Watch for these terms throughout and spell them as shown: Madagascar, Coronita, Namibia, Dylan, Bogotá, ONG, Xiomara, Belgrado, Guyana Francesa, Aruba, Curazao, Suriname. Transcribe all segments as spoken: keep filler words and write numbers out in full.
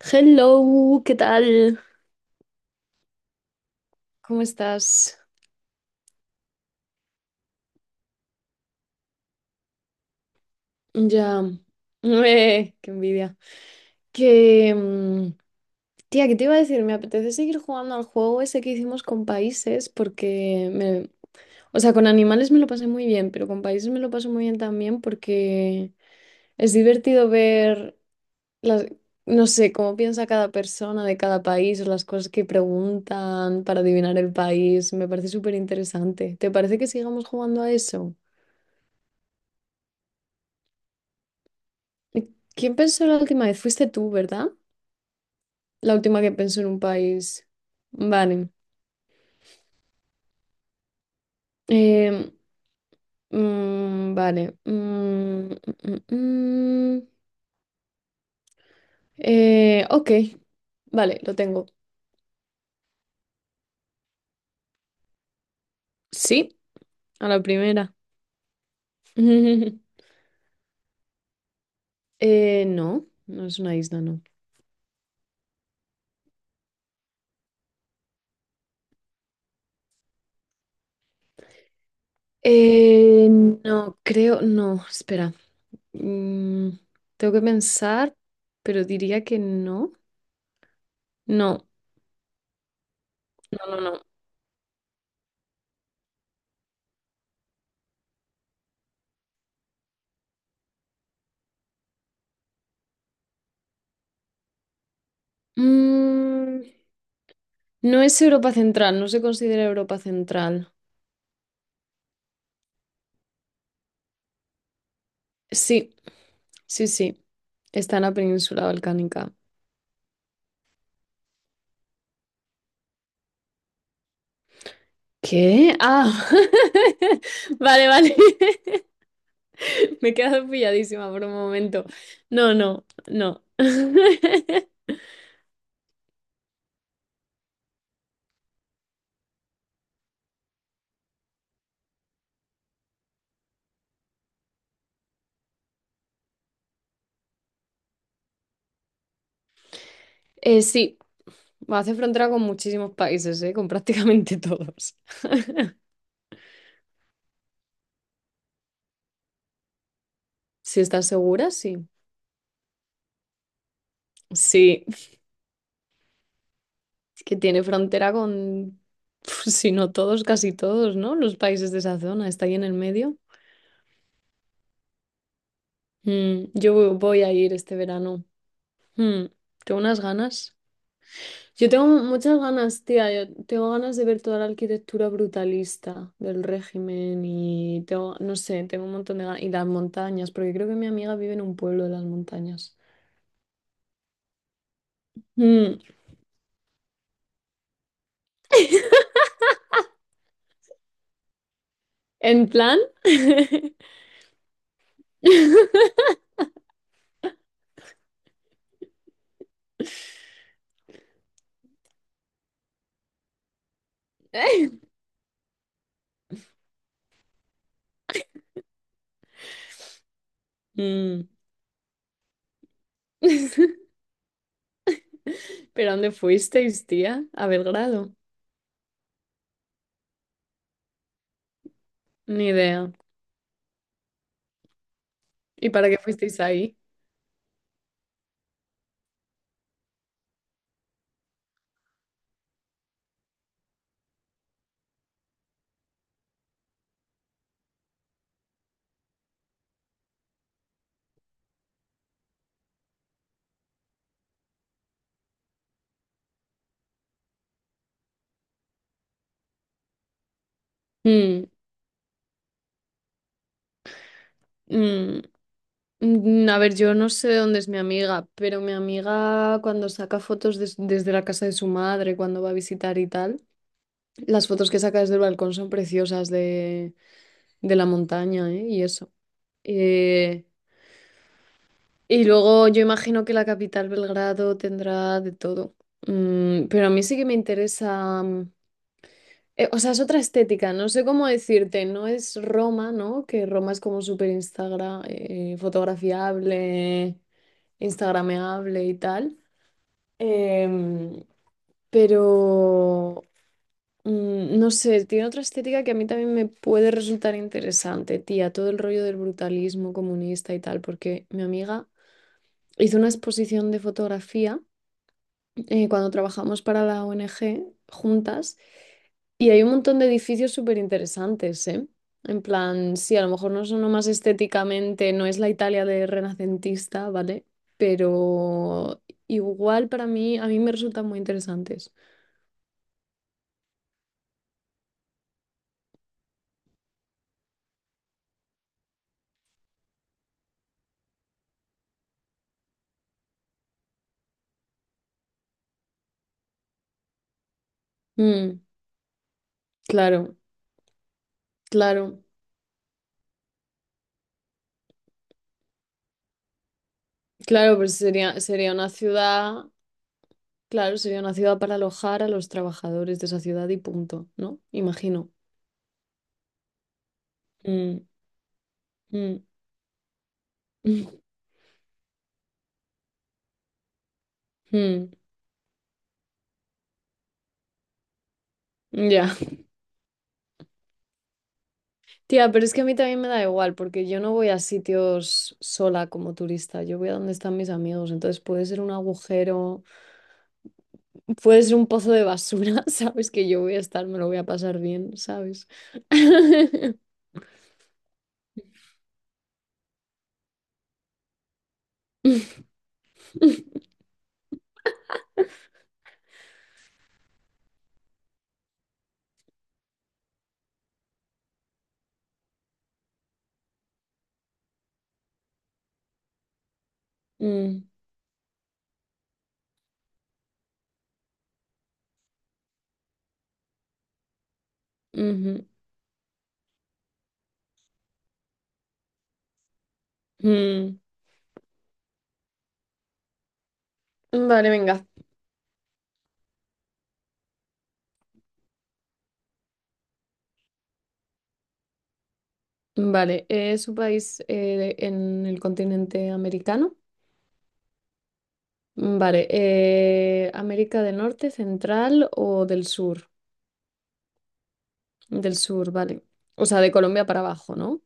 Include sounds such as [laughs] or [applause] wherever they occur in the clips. Hello, ¿qué tal? ¿Cómo estás? Ya. [laughs] Eh, qué envidia. Que, mm, Tía, ¿qué te iba a decir? Me apetece seguir jugando al juego ese que hicimos con países porque me... O sea, con animales me lo pasé muy bien, pero con países me lo paso muy bien también porque es divertido ver las... No sé, cómo piensa cada persona de cada país o las cosas que preguntan para adivinar el país. Me parece súper interesante. ¿Te parece que sigamos jugando a eso? ¿Quién pensó la última vez? Fuiste tú, ¿verdad? La última que pensó en un país. Vale. Em, mm, vale. Mm, mm, mm, mm. Eh, ok. Vale, lo tengo. Sí, a la primera. [laughs] Eh, no, no es una isla, no. Eh, no, creo, no, espera. Mm, Tengo que pensar, pero diría que no. No, no, no, no. Mm, No es Europa Central, no se considera Europa Central. Sí, sí, sí. Está en la península balcánica. ¿Qué? Ah, [laughs] vale, vale. [laughs] Me he quedado pilladísima por un momento. No, no, no. [laughs] Eh, sí, hace frontera con muchísimos países, ¿eh? Con prácticamente todos. [laughs] Si estás segura, sí. Sí, es que tiene frontera con, [laughs] si no todos, casi todos, ¿no? Los países de esa zona, está ahí en el medio. Mm, yo vo- voy a ir este verano. Mm, Tengo unas ganas. Yo tengo mu- muchas ganas, tía. Yo tengo ganas de ver toda la arquitectura brutalista del régimen y tengo, no sé, tengo un montón de ganas. Y las montañas, porque creo que mi amiga vive en un pueblo de las montañas. Mm, ¿En plan? [laughs] Mm. [laughs] ¿Pero a dónde fuisteis, tía? A Belgrado. Ni idea. ¿Y para qué fuisteis ahí? Mm, mm. Mm, A ver, yo no sé de dónde es mi amiga, pero mi amiga cuando saca fotos des- desde la casa de su madre, cuando va a visitar y tal, las fotos que saca desde el balcón son preciosas de, de la montaña, ¿eh? Y eso. Eh, y luego yo imagino que la capital Belgrado tendrá de todo. Mm, pero a mí sí que me interesa... mm, eh, o sea, es otra estética, no sé cómo decirte, no es Roma, ¿no? Que Roma es como súper Instagram, fotografiable, instagrameable y tal. Em, pero mm, no sé, tiene otra estética que a mí también me puede resultar interesante, tía, todo el rollo del brutalismo comunista y tal, porque mi amiga hizo una exposición de fotografía eh, cuando trabajamos para la O N G juntas y hay un montón de edificios súper interesantes, ¿eh? En plan, sí, a lo mejor no son lo más estéticamente, no es la Italia de renacentista, ¿vale? Pero igual para mí, a mí me resultan muy interesantes. Mm. Claro, claro, claro, pues sería, sería una ciudad, claro, sería una ciudad para alojar a los trabajadores de esa ciudad y punto, ¿no? Imagino. Mm, mm, [laughs] mm, ya. Tía, pero es que a mí también me da igual, porque yo no voy a sitios sola como turista, yo voy a donde están mis amigos, entonces puede ser un agujero, puede ser un pozo de basura, [laughs] ¿sabes? Que yo voy a estar, me lo voy a pasar bien, ¿sabes? [laughs] Mm, ujú, mm. Vale, venga. Vale, eh, ¿es un país eh, en el continente americano? Mm, Vale, eh, ¿América del Norte, Central o del Sur? Del Sur, vale. O sea, de Colombia para abajo, ¿no?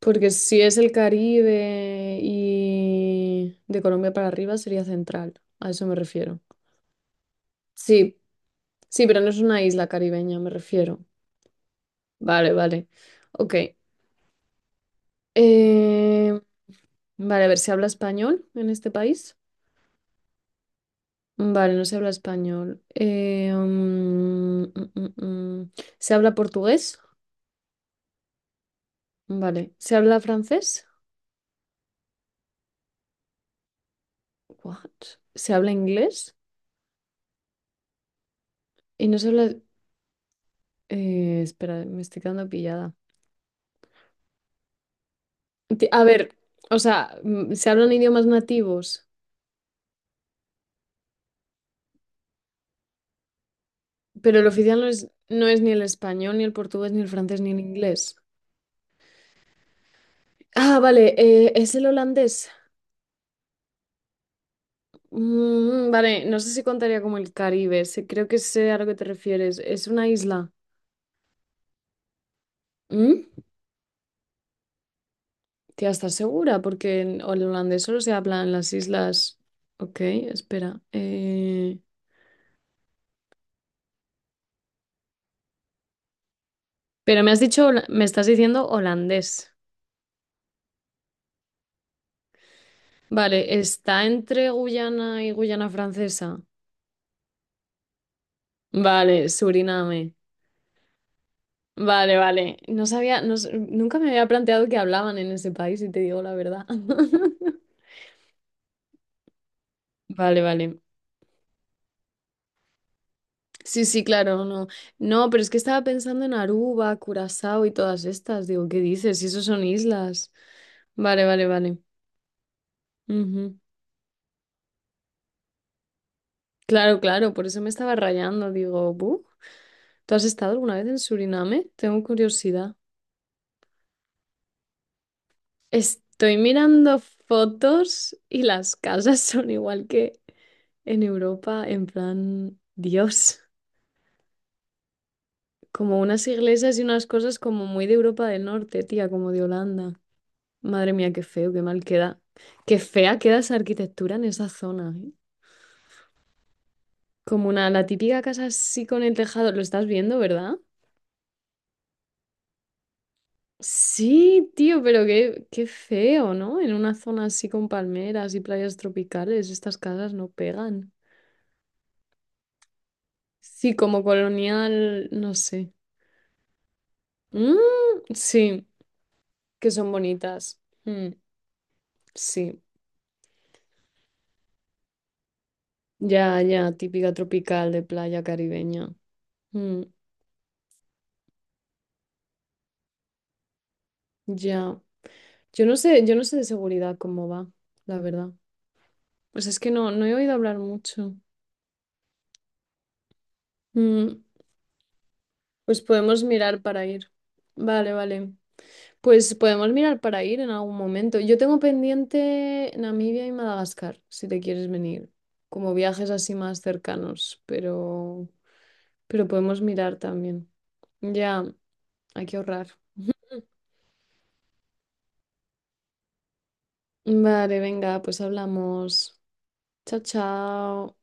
Porque si es el Caribe y de Colombia para arriba sería Central, a eso me refiero. Sí, sí, pero no es una isla caribeña, me refiero. Vale, vale. Ok. Eh, vale, a ver, ¿se habla español en este país? Vale, no se habla español. Eh, mm, mm, mm, mm. ¿Se habla portugués? Vale. ¿Se habla francés? What? ¿Se habla inglés? Y no se habla... eh, espera, me estoy quedando pillada. Ti- A ver, o sea, mm, se hablan idiomas nativos, pero el oficial no es, no es ni el español, ni el portugués, ni el francés, ni el inglés. Ah, vale, eh, es el holandés. Mm, vale, no sé si contaría como el Caribe. se- Creo que sé a lo que te refieres. Es una isla. ¿Mm? Tía, ¿estás segura? Porque en el holandés solo se habla en las islas. Ok, espera. eh, Pero me has dicho, hola- me estás diciendo holandés. Vale, está entre Guyana y Guyana Francesa. Vale, Suriname. Vale, vale. No sabía, no s- nunca me había planteado que hablaban en ese país, si te digo la verdad. [laughs] Vale, vale. Sí, sí, claro, no. No, pero es que estaba pensando en Aruba, Curazao y todas estas. Digo, ¿qué dices? Si esos son islas. Vale, vale, vale. Ujú. Claro, claro, por eso me estaba rayando. Digo, "Bu, ¿tú has estado alguna vez en Suriname? Tengo curiosidad. Estoy mirando fotos y las casas [laughs] son igual que en Europa, en plan, Dios, como unas iglesias y unas cosas como muy de Europa del Norte, tía, como de Holanda. Madre mía, qué feo, qué mal queda. Qué fea queda esa arquitectura en esa zona, ¿eh? Como una, la típica casa así con el tejado, lo estás viendo, ¿verdad? Sí, tío, pero qué, qué feo, ¿no? En una zona así con palmeras y playas tropicales, estas casas no pegan. Sí, como colonial, no sé. Mm, sí, que son bonitas. Mm, sí, ya, ya, típica tropical de playa caribeña. Mm, ya. Yo no sé, yo no sé de seguridad cómo va, la verdad. Pues es que no, no he oído hablar mucho. Mm, pues podemos mirar para ir. Vale, vale. Pues podemos mirar para ir en algún momento. Yo tengo pendiente Namibia y Madagascar, si te quieres venir, como viajes así más cercanos, pero, pero podemos mirar también. Ya, hay que ahorrar. Vale, venga, pues hablamos. Chao, chao.